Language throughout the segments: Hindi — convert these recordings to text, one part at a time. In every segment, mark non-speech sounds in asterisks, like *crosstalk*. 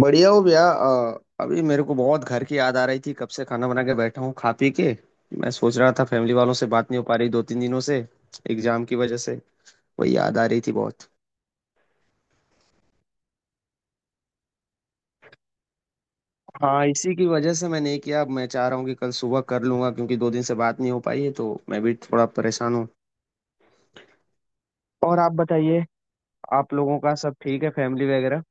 बढ़िया हो भैया, अभी मेरे को बहुत घर की याद आ रही थी, कब से खाना बना के बैठा हूँ खा पी के। मैं सोच रहा था फैमिली वालों से बात नहीं हो पा रही दो तीन दिनों से, एग्जाम की वजह से। वही याद आ रही थी बहुत। हाँ, इसी की वजह से मैं नहीं किया। अब मैं चाह रहा हूँ कि कल सुबह कर लूंगा क्योंकि 2 दिन से बात नहीं हो पाई है तो मैं भी थोड़ा परेशान हूँ। और आप बताइए। आप लोगों का सब ठीक है, फैमिली वगैरह?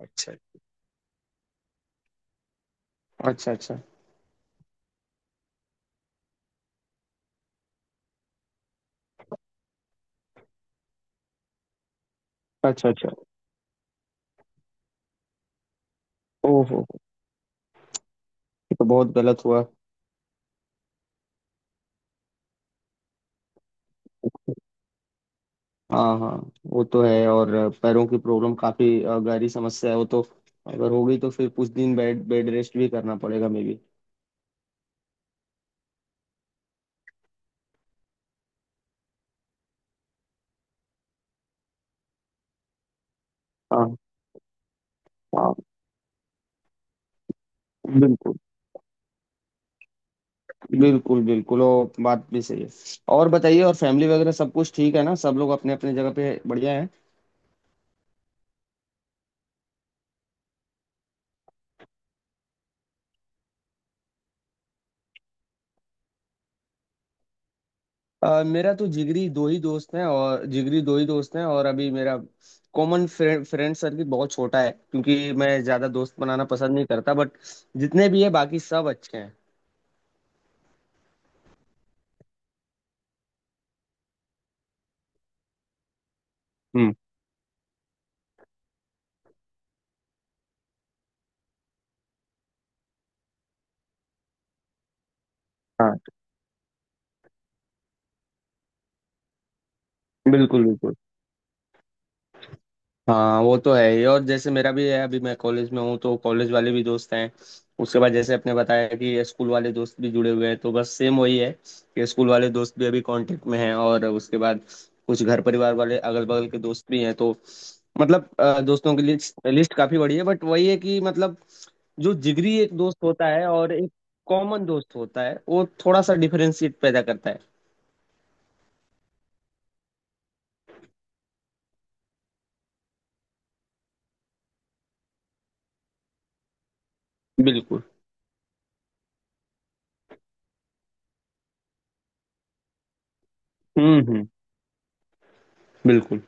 अच्छा, अच्छा, अच्छा, अच्छा, अच्छा। ओहो, ये तो बहुत गलत हुआ। हाँ, हाँ, वो तो है। और पैरों की प्रॉब्लम काफी गहरी समस्या है वो तो। अगर हो गई तो फिर कुछ दिन बेड बेड रेस्ट भी करना पड़ेगा मे भी। हाँ, हाँ, बिल्कुल, बिल्कुल। बिल्कुल वो बात भी सही है। और बताइए, और फैमिली वगैरह सब कुछ ठीक है ना, सब लोग अपने अपने जगह पे बढ़िया है? मेरा तो जिगरी दो ही दोस्त हैं और अभी मेरा कॉमन फ्रेंड फ्रेंड सर्किल बहुत छोटा है क्योंकि मैं ज्यादा दोस्त बनाना पसंद नहीं करता, बट जितने भी है बाकी सब अच्छे हैं। हम्म। हाँ, बिल्कुल, बिल्कुल। हाँ, वो तो है ही, और जैसे मेरा भी है, अभी मैं कॉलेज में हूँ तो कॉलेज वाले भी दोस्त हैं। उसके बाद जैसे आपने बताया कि स्कूल वाले दोस्त भी जुड़े हुए हैं, तो बस सेम वही है कि स्कूल वाले दोस्त भी अभी कांटेक्ट में हैं, और उसके बाद कुछ घर परिवार वाले अगल बगल के दोस्त भी हैं, तो मतलब दोस्तों की लिस्ट लिस्ट काफी बड़ी है, बट वही है कि मतलब जो जिगरी एक दोस्त होता है और एक कॉमन दोस्त होता है, वो थोड़ा सा डिफरेंशिएट पैदा करता है। बिल्कुल। हम्म, हम्म। बिल्कुल।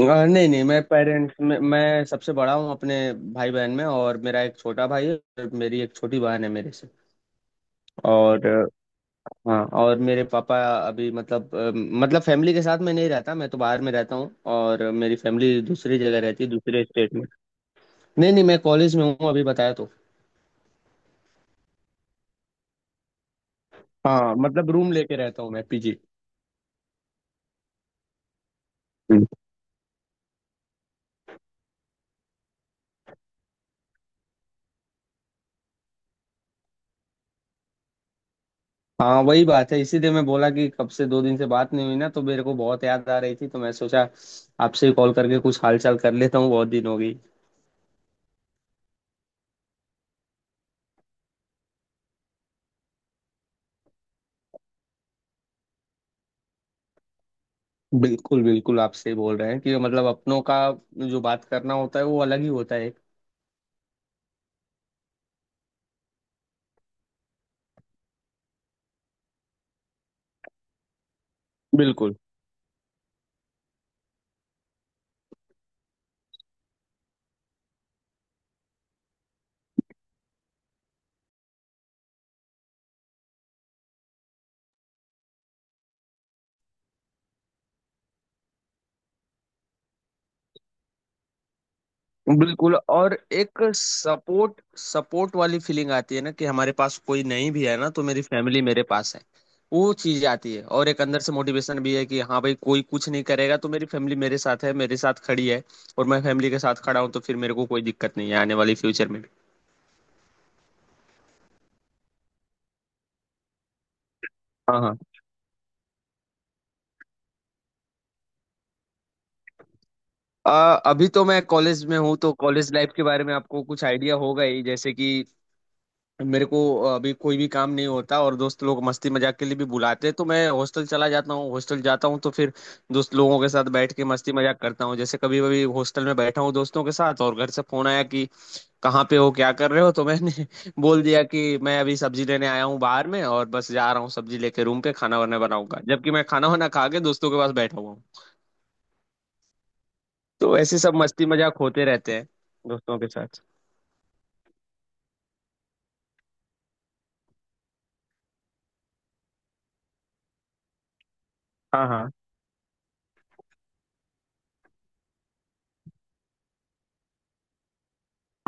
नहीं, नहीं, मैं पेरेंट्स में मैं सबसे बड़ा हूँ अपने भाई बहन में, और मेरा एक छोटा भाई है और मेरी एक छोटी बहन है मेरे से। और हाँ, और मेरे पापा अभी मतलब मतलब फैमिली के साथ मैं नहीं रहता, मैं तो बाहर में रहता हूँ और मेरी फैमिली दूसरी जगह रहती है, दूसरे स्टेट में। नहीं, नहीं, मैं कॉलेज में हूँ, अभी बताया तो। हाँ, मतलब रूम लेके रहता हूँ मैं, पीजी। हाँ, वही बात है, इसीलिए मैं बोला कि कब से 2 दिन से बात नहीं हुई ना, तो मेरे को बहुत याद आ रही थी, तो मैं सोचा आपसे ही कॉल करके कुछ हालचाल कर लेता हूँ, बहुत दिन हो गई। बिल्कुल, बिल्कुल, आप सही बोल रहे हैं कि मतलब अपनों का जो बात करना होता है वो अलग ही होता है। बिल्कुल, बिल्कुल। और एक सपोर्ट सपोर्ट वाली फीलिंग आती है ना, कि हमारे पास कोई नहीं भी है ना, तो मेरी फैमिली मेरे पास है। वो चीज आती है, और एक अंदर से मोटिवेशन भी है कि हाँ भाई, कोई कुछ नहीं करेगा तो मेरी फैमिली मेरे साथ है, मेरे साथ खड़ी है और मैं फैमिली के साथ खड़ा हूँ, तो फिर मेरे को कोई दिक्कत नहीं है आने वाली फ्यूचर में भी। हाँ, हाँ। अभी तो मैं कॉलेज में हूँ, तो कॉलेज लाइफ के बारे में आपको कुछ आइडिया होगा ही, जैसे कि मेरे को अभी कोई भी काम नहीं होता और दोस्त लोग मस्ती मजाक के लिए भी बुलाते हैं तो मैं हॉस्टल चला जाता हूँ। हॉस्टल जाता हूँ तो फिर दोस्त लोगों के साथ बैठ के मस्ती मजाक करता हूँ। जैसे कभी कभी हॉस्टल में बैठा हूँ दोस्तों के साथ, और घर से फोन आया कि कहाँ पे हो, क्या कर रहे हो, तो मैंने *laughs* बोल दिया कि मैं अभी सब्जी लेने आया हूँ बाहर में, और बस जा रहा हूँ सब्जी लेके रूम पे खाना वाना बनाऊंगा, जबकि मैं खाना वाना खा के दोस्तों के पास बैठा हुआ हूँ। तो ऐसे सब मस्ती मजाक होते रहते हैं दोस्तों के साथ। हाँ, हाँ,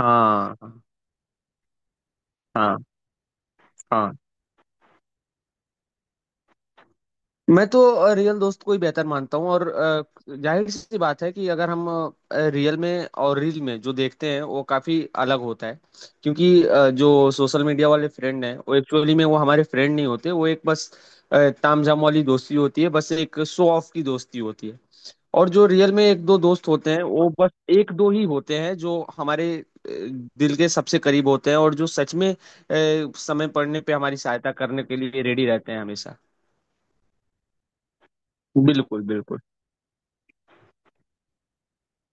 हाँ, हाँ, हाँ, हाँ। मैं तो रियल दोस्त को ही बेहतर मानता हूँ, और जाहिर सी बात है कि अगर हम रियल में और रील में जो देखते हैं वो काफी अलग होता है, क्योंकि जो सोशल मीडिया वाले फ्रेंड हैं वो एक्चुअली में वो हमारे फ्रेंड नहीं होते, वो एक बस तामझाम वाली दोस्ती होती है, बस एक शो ऑफ की दोस्ती होती है। और जो रियल में एक दो दोस्त होते हैं वो बस एक दो ही होते हैं, जो हमारे दिल के सबसे करीब होते हैं, और जो सच में समय पड़ने पे हमारी सहायता करने के लिए रेडी रहते हैं हमेशा। बिल्कुल, बिल्कुल,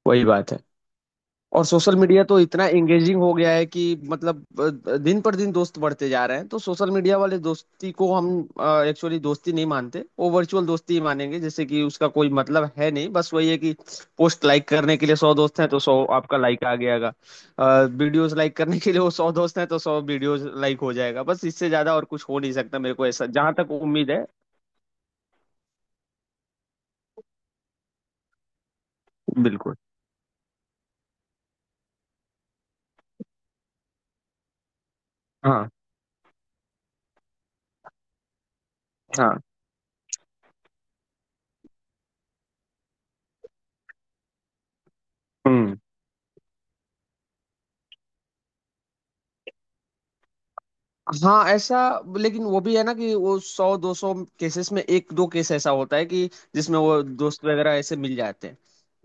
वही बात है। और सोशल मीडिया तो इतना एंगेजिंग हो गया है कि मतलब दिन पर दिन दोस्त बढ़ते जा रहे हैं, तो सोशल मीडिया वाले दोस्ती को हम एक्चुअली दोस्ती नहीं मानते, वो वर्चुअल दोस्ती ही मानेंगे, जैसे कि उसका कोई मतलब है नहीं, बस वही है कि पोस्ट लाइक करने के लिए 100 दोस्त हैं तो 100 आपका लाइक आ गयागा। वीडियोस लाइक करने के लिए वो 100 दोस्त हैं तो 100 वीडियोस लाइक हो जाएगा, बस इससे ज्यादा और कुछ हो नहीं सकता मेरे को, ऐसा जहां तक उम्मीद है। बिल्कुल। हाँ, हाँ, हाँ ऐसा, लेकिन वो भी है ना कि वो 100-200 केसेस में एक दो केस ऐसा होता है कि जिसमें वो दोस्त वगैरह ऐसे मिल जाते हैं।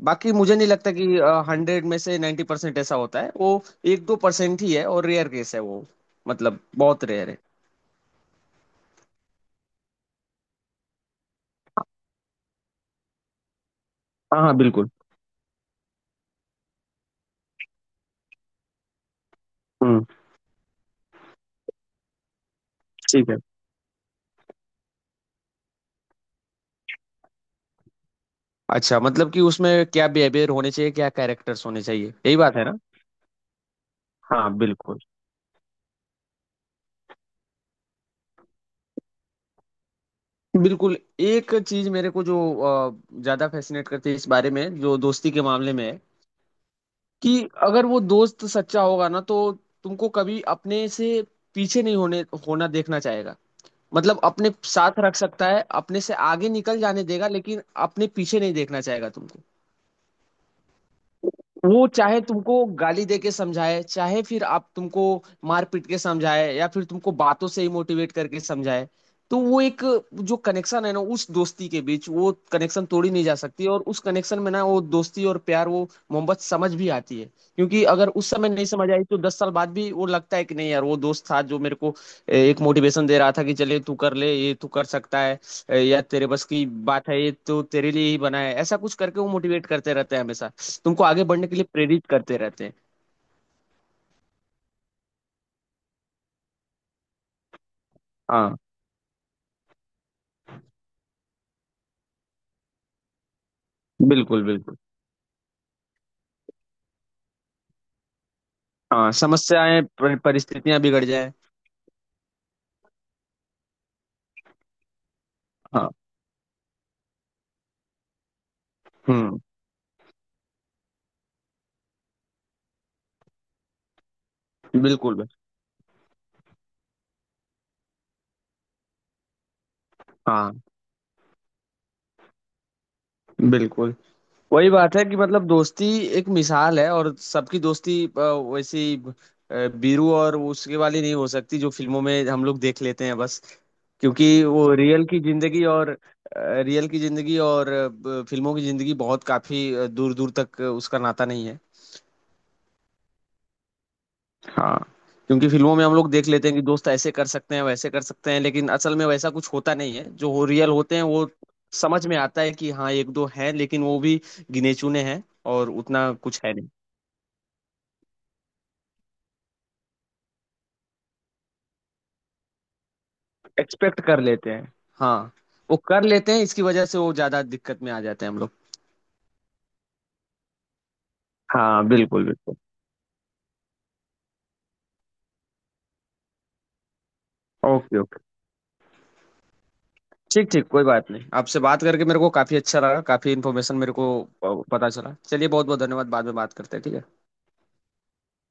बाकी मुझे नहीं लगता कि 100 में से 90% ऐसा होता है, वो 1-2% ही है और रेयर केस है वो, मतलब बहुत रेयर है। हाँ, हाँ, बिल्कुल। हम्म। ठीक है। अच्छा, मतलब कि उसमें क्या बिहेवियर होने चाहिए, क्या कैरेक्टर्स होने चाहिए, यही बात है ना? हाँ, बिल्कुल। बिल्कुल, एक चीज मेरे को जो ज्यादा फैसिनेट करती है इस बारे में, जो दोस्ती के मामले में है, कि अगर वो दोस्त सच्चा होगा ना, तो तुमको कभी अपने से पीछे नहीं होने होना देखना चाहेगा। मतलब अपने साथ रख सकता है, अपने से आगे निकल जाने देगा, लेकिन अपने पीछे नहीं देखना चाहेगा तुमको। वो चाहे तुमको गाली दे के समझाए, चाहे फिर आप तुमको मार पीट के समझाए, या फिर तुमको बातों से ही मोटिवेट करके समझाए, तो वो एक जो कनेक्शन है ना उस दोस्ती के बीच, वो कनेक्शन तोड़ी नहीं जा सकती, और उस कनेक्शन में ना वो दोस्ती और प्यार, वो मोहब्बत समझ भी आती है। क्योंकि अगर उस समय नहीं समझ आई तो 10 साल बाद भी वो लगता है कि नहीं यार, वो दोस्त था जो मेरे को एक मोटिवेशन दे रहा था कि चले तू कर ले, ये तू कर सकता है, या तेरे बस की बात है, ये तो तेरे लिए ही बना है, ऐसा कुछ करके वो मोटिवेट करते रहते हैं हमेशा, तुमको आगे बढ़ने के लिए प्रेरित करते रहते हैं। हाँ, बिल्कुल, बिल्कुल। हाँ, समस्याएं परिस्थितियां बिगड़ जाए। हाँ। हम्म। बिल्कुल, बिल्कुल। हाँ, बिल्कुल, वही बात है कि मतलब दोस्ती एक मिसाल है, और सबकी दोस्ती वैसी बीरू और उसके वाली नहीं हो सकती जो फिल्मों में हम लोग देख लेते हैं बस। क्योंकि वो रियल की जिंदगी और फिल्मों की जिंदगी बहुत काफी दूर दूर तक उसका नाता नहीं है। हाँ। क्योंकि फिल्मों में हम लोग देख लेते हैं कि दोस्त ऐसे कर सकते हैं वैसे कर सकते हैं, लेकिन असल में वैसा कुछ होता नहीं है, जो हो रियल होते हैं वो। समझ में आता है कि हाँ एक दो हैं, लेकिन वो भी गिने चुने हैं, और उतना कुछ है नहीं। एक्सपेक्ट कर लेते हैं। हाँ। वो कर लेते हैं, इसकी वजह से वो ज्यादा दिक्कत में आ जाते हैं हम लोग। हाँ, बिल्कुल, बिल्कुल। Okay, okay. ठीक, ठीक, कोई बात नहीं, आपसे बात करके मेरे को काफी अच्छा लगा, काफी इन्फॉर्मेशन मेरे को पता चला, चलिए बहुत बहुत धन्यवाद, बाद में बात करते हैं, ठीक है।